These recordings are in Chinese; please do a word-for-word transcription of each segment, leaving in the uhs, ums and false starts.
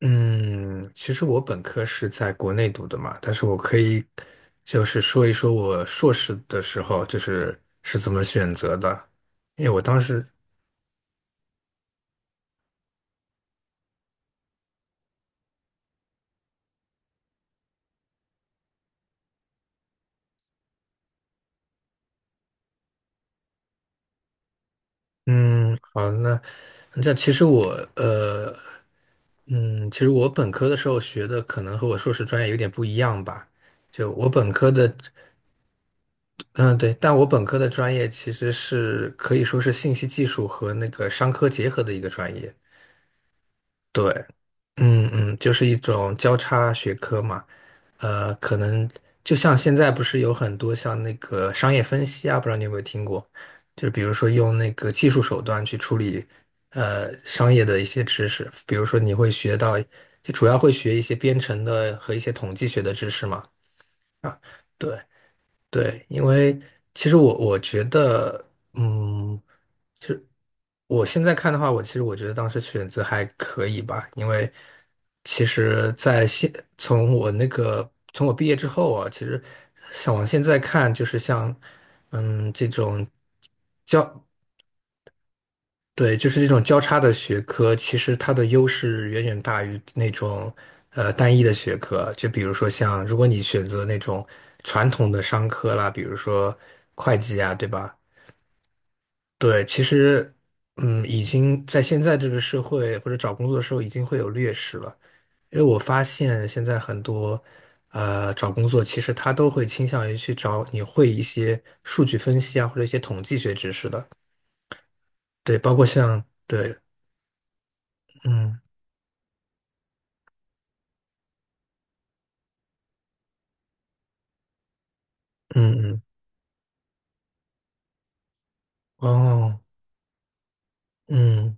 嗯，其实我本科是在国内读的嘛，但是我可以就是说一说我硕士的时候就是是怎么选择的，因为我当时，嗯，好，那那其实我呃，嗯，其实我本科的时候学的可能和我硕士专业有点不一样吧，就我本科的，嗯，对，但我本科的专业其实是可以说是信息技术和那个商科结合的一个专业。对，嗯嗯，就是一种交叉学科嘛，呃，可能就像现在不是有很多像那个商业分析啊，不知道你有没有听过，就是比如说用那个技术手段去处理呃商业的一些知识，比如说你会学到，就主要会学一些编程的和一些统计学的知识嘛，啊，对对，因为其实我我觉得，嗯。我现在看的话，我其实我觉得当时选择还可以吧，因为其实在现从我那个从我毕业之后啊，其实想往现在看，就是像嗯这种交对，就是这种交叉的学科，其实它的优势远远大于那种呃单一的学科。就比如说像如果你选择那种传统的商科啦，比如说会计啊，对吧？对，其实，嗯，已经在现在这个社会或者找工作的时候，已经会有劣势了。因为我发现现在很多，呃，找工作其实他都会倾向于去找你会一些数据分析啊，或者一些统计学知识的。对，包括像，对，嗯嗯嗯，哦，嗯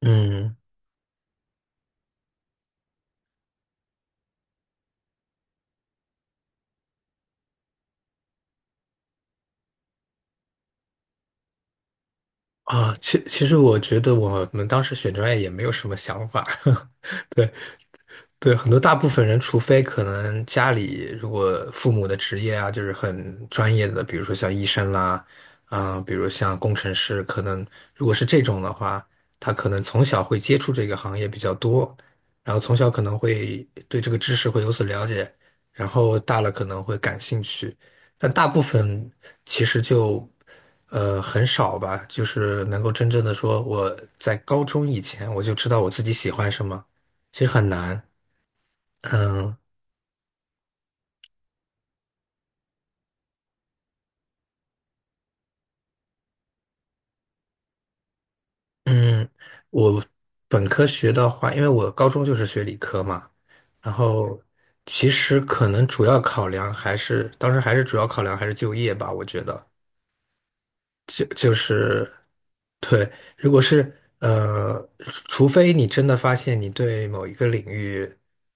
嗯啊，其其实我觉得我们当时选专业也没有什么想法，对。对，很多大部分人，除非可能家里如果父母的职业啊，就是很专业的，比如说像医生啦，嗯、比如像工程师，可能如果是这种的话，他可能从小会接触这个行业比较多，然后从小可能会对这个知识会有所了解，然后大了可能会感兴趣，但大部分其实就呃很少吧，就是能够真正的说我在高中以前我就知道我自己喜欢什么，其实很难。嗯嗯，我本科学的话，因为我高中就是学理科嘛，然后其实可能主要考量还是当时还是主要考量还是就业吧，我觉得，就就是，对，如果是呃，除除非你真的发现你对某一个领域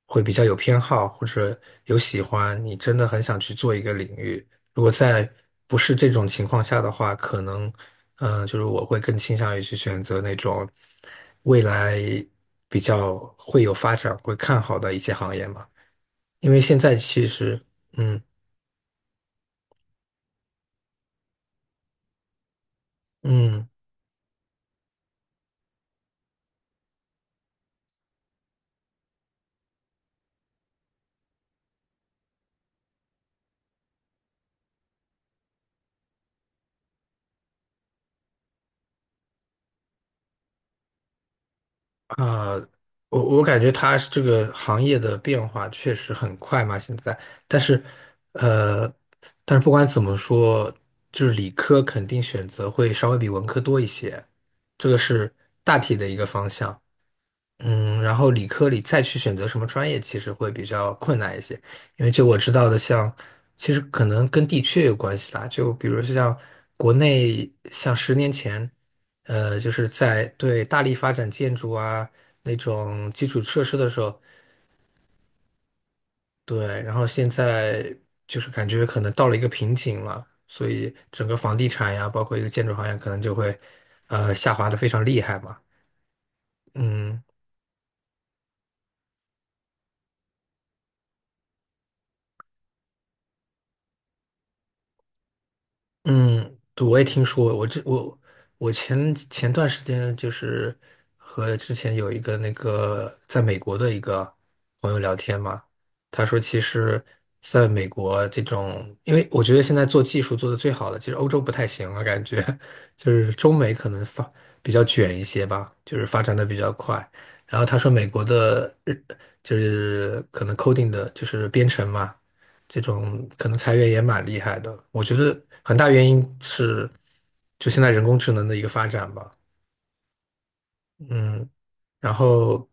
会比较有偏好，或者有喜欢，你真的很想去做一个领域。如果在不是这种情况下的话，可能嗯、呃就是我会更倾向于去选择那种未来比较会有发展、会看好的一些行业嘛。因为现在其实，嗯嗯。啊，我我感觉它是这个行业的变化确实很快嘛，现在，但是，呃，但是不管怎么说，就是理科肯定选择会稍微比文科多一些，这个是大体的一个方向。嗯，然后理科里再去选择什么专业，其实会比较困难一些，因为就我知道的像，其实可能跟地区也有关系啦。就比如像国内，像十年前，呃，就是在对大力发展建筑啊那种基础设施的时候，对，然后现在就是感觉可能到了一个瓶颈了，所以整个房地产呀，包括一个建筑行业，可能就会呃下滑的非常厉害嘛。嗯。嗯，对，我也听说过，我这我我前前段时间就是和之前有一个那个在美国的一个朋友聊天嘛，他说其实在美国这种，因为我觉得现在做技术做的最好的，其实欧洲不太行了，感觉 就是中美可能发比较卷一些吧，就是发展的比较快。然后他说美国的日就是可能 coding 的就是编程嘛。这种可能裁员也蛮厉害的。我觉得很大原因是就现在人工智能的一个发展吧，嗯，然后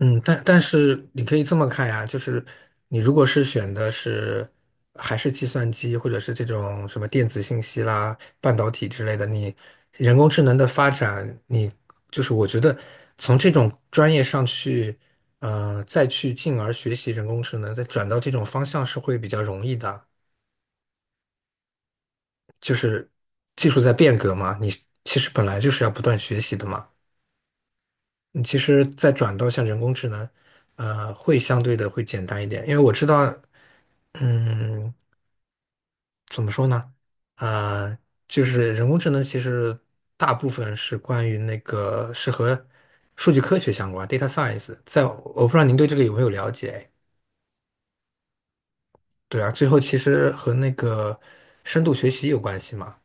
嗯，但但是你可以这么看呀，就是你如果是选的是还是计算机或者是这种什么电子信息啦、半导体之类的，你人工智能的发展，你就是我觉得从这种专业上去。呃，再去进而学习人工智能，再转到这种方向是会比较容易的。就是技术在变革嘛，你其实本来就是要不断学习的嘛。你其实再转到像人工智能，呃，会相对的会简单一点，因为我知道，嗯，怎么说呢？呃，就是人工智能其实大部分是关于那个是和数据科学相关，data science。在我不知道您对这个有没有了解？对啊，最后其实和那个深度学习有关系嘛。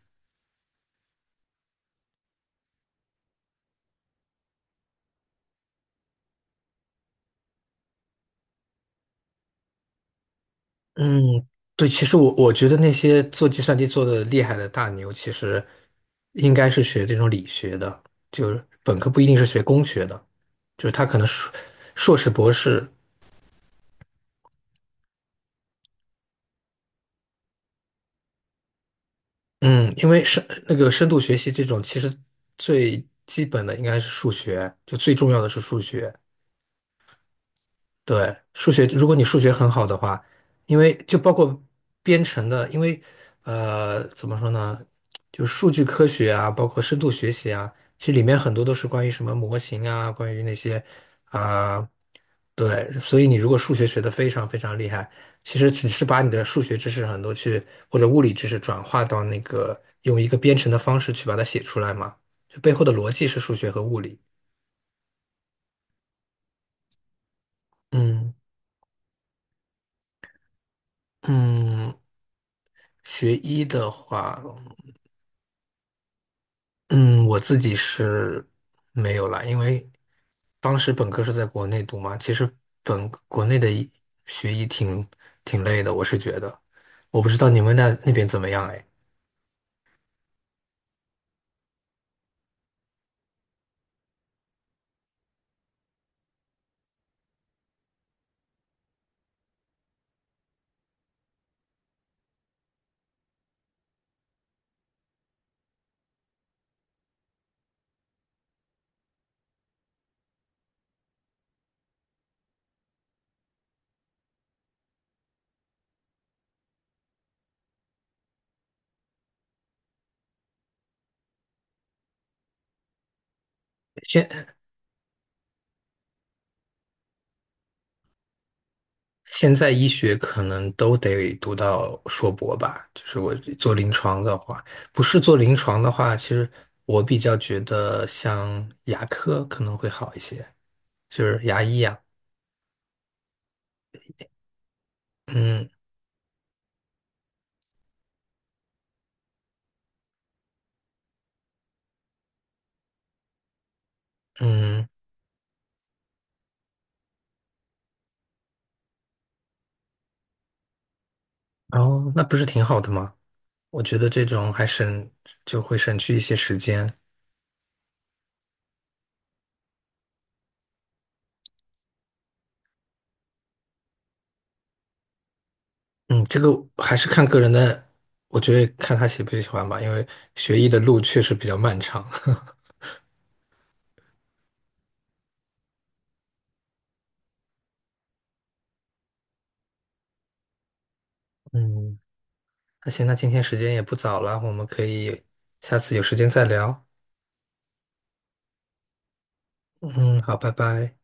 嗯，对，其实我我觉得那些做计算机做的厉害的大牛，其实应该是学这种理学的，就是本科不一定是学工学的，就是他可能硕硕士、博士，嗯，因为深那个深度学习这种，其实最基本的应该是数学，就最重要的是数学。对，数学，如果你数学很好的话，因为就包括编程的，因为呃，怎么说呢，就数据科学啊，包括深度学习啊，其实里面很多都是关于什么模型啊，关于那些啊、对，所以你如果数学学得非常非常厉害，其实只是把你的数学知识很多去或者物理知识转化到那个用一个编程的方式去把它写出来嘛，就背后的逻辑是数学和物理。嗯嗯，学医的话。嗯，我自己是没有啦，因为当时本科是在国内读嘛，其实本国内的一学医挺挺累的，我是觉得，我不知道你们那那边怎么样哎。现现在医学可能都得读到硕博吧，就是我做临床的话，不是做临床的话，其实我比较觉得像牙科可能会好一些，就是牙医呀、嗯嗯，哦那不是挺好的吗？我觉得这种还省，就会省去一些时间。嗯，这个还是看个人的，我觉得看他喜不喜欢吧，因为学医的路确实比较漫长。嗯，那行，那今天时间也不早了，我们可以下次有时间再聊。嗯，好，拜拜。